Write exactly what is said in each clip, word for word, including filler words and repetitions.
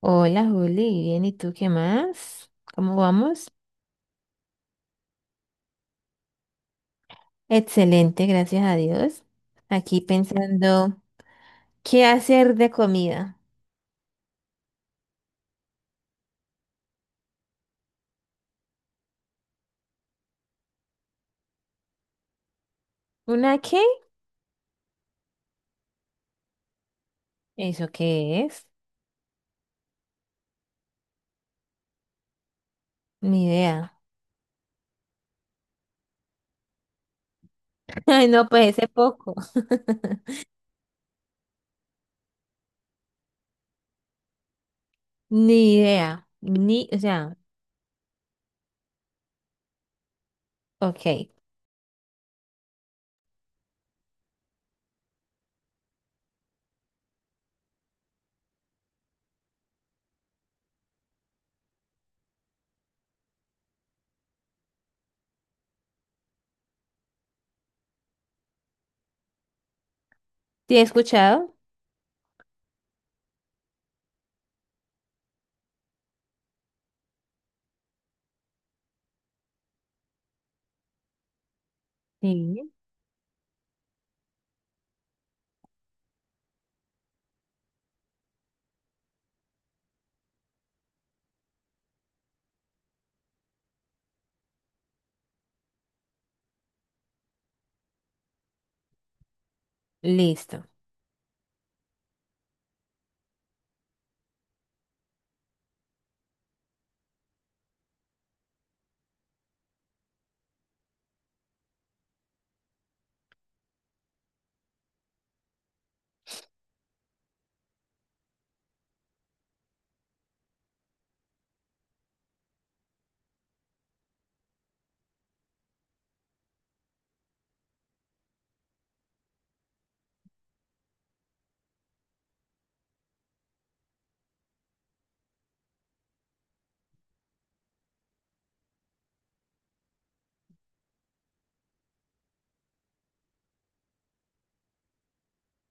Hola Juli, bien, ¿y tú qué más? ¿Cómo vamos? Excelente, gracias a Dios. Aquí pensando, ¿qué hacer de comida? ¿Una qué? ¿Eso qué es? Ni idea. Ay, no, pues ese poco. Ni idea. Ni, o sea, ok. ¿Te he escuchado? Sí. Listo.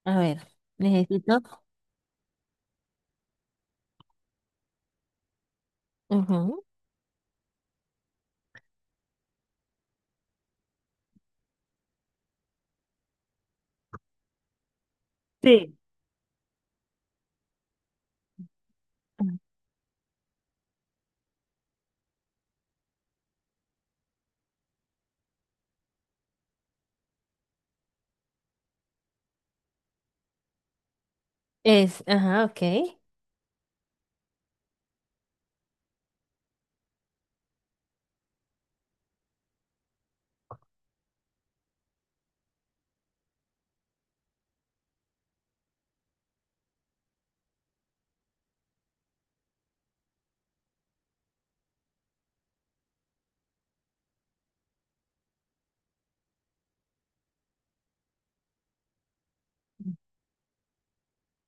A ver, necesito. Ujú. Sí. Es, ajá, ok.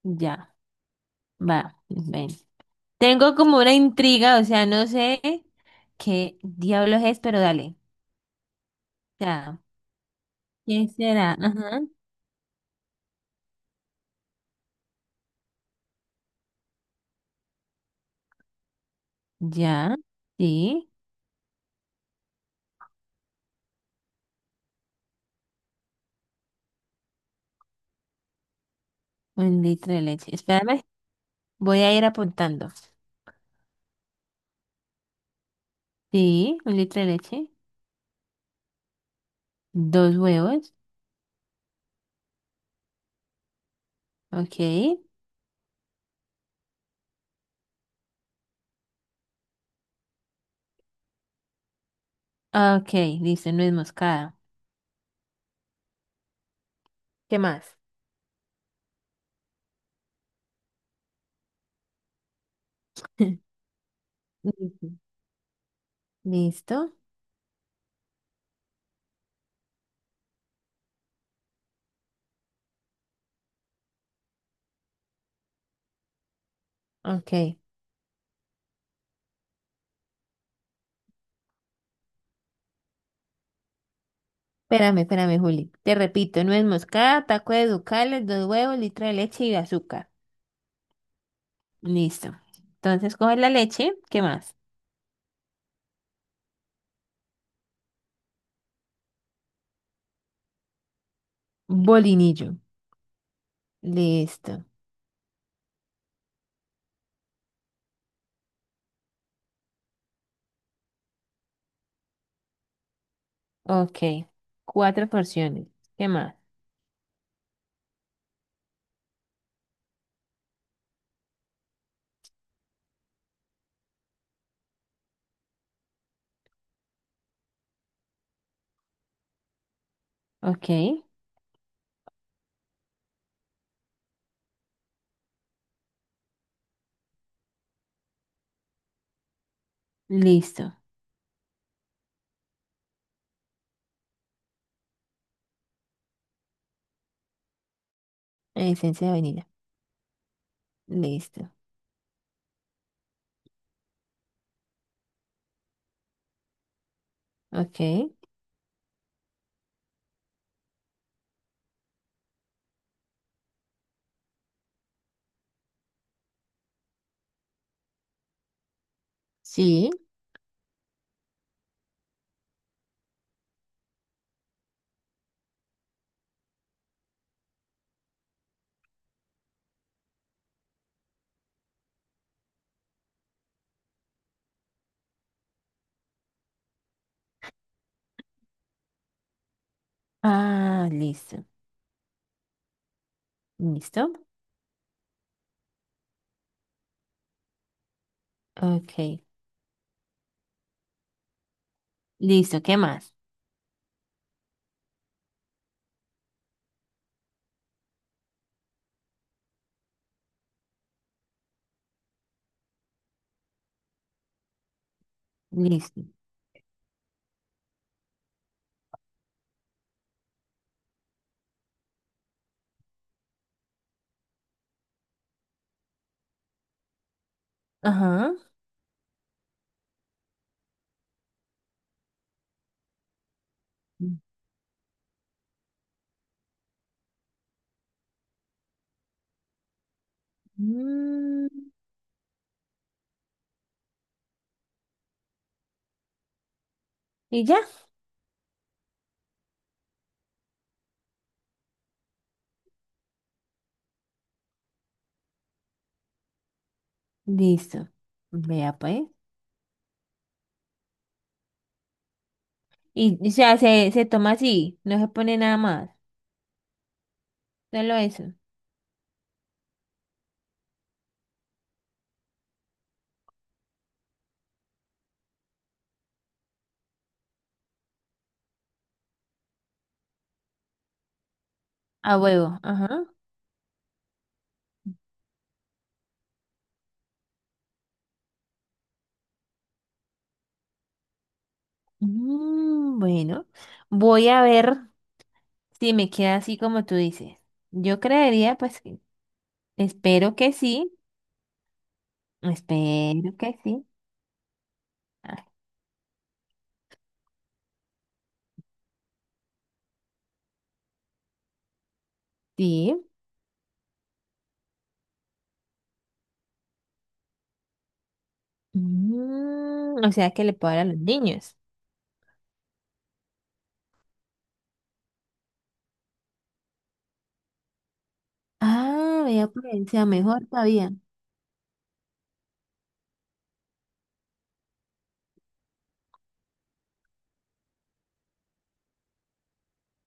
Ya, va. Ven. Tengo como una intriga, o sea, no sé qué diablos es, pero dale. Ya. ¿Quién será? Ajá. Ya. Sí. Un litro de leche. Espérame. Voy a ir apuntando. Sí, un litro de leche. Dos huevos. Ok. Ok, listo, no es moscada. ¿Qué más? Listo. Listo. Ok. Espérame, espérame, Juli. Te repito, nuez moscada, taco de ducales, dos huevos, litro de leche y azúcar. Listo. Entonces coges la leche. ¿Qué más? Bolinillo. Listo. Ok. Cuatro porciones. ¿Qué más? Ok. Listo. Esencia de vainilla. Listo. Ok. Sí. Ah, listo. Listo. Ok. Listo. ¿Qué más? Listo. Ajá. Mm. Y ya. Listo. Vea pues. Y, o sea, se, se toma así. No se pone nada más. Solo eso. A huevo. Ajá. Mm, bueno. Voy a ver. Sí, me queda así como tú dices. Yo creería, pues, que espero que sí, espero que sí. Ah, sí. Mm, o sea que le puedo dar a los niños. Ah, vea, pues, o sea mejor todavía.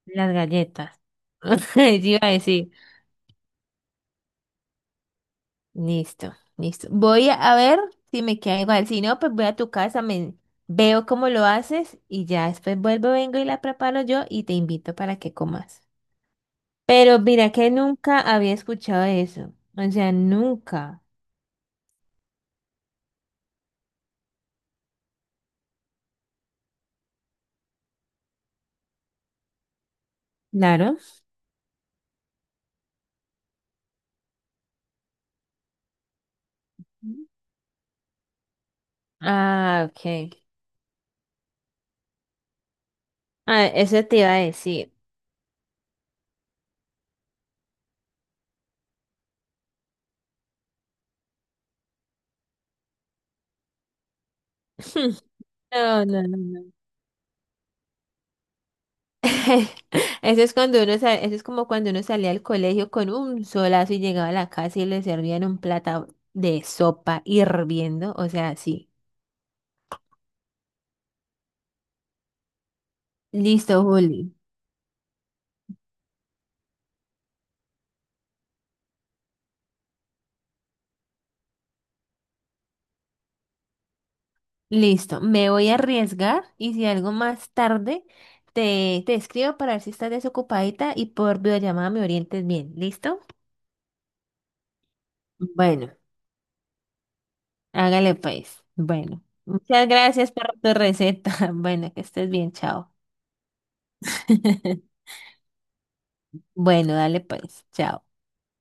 Las galletas. Yo iba a decir. Listo, listo. Voy a ver si me queda igual. Si no, pues voy a tu casa, me veo cómo lo haces y ya después vuelvo, vengo y la preparo yo y te invito para que comas. Pero mira que nunca había escuchado eso. O sea, nunca. Claro. Ah, ok. Ah, eso te iba a decir. No, no, no, no. Eso es cuando uno sa- eso es como cuando uno salía al colegio con un solazo y llegaba a la casa y le servían un plato de sopa hirviendo. O sea, sí. Listo, Juli. Listo, me voy a arriesgar y si algo más tarde te, te escribo para ver si estás desocupadita y por videollamada me orientes bien. ¿Listo? Bueno, hágale pues. Bueno, muchas gracias por tu receta. Bueno, que estés bien, chao. Bueno, dale pues, chao.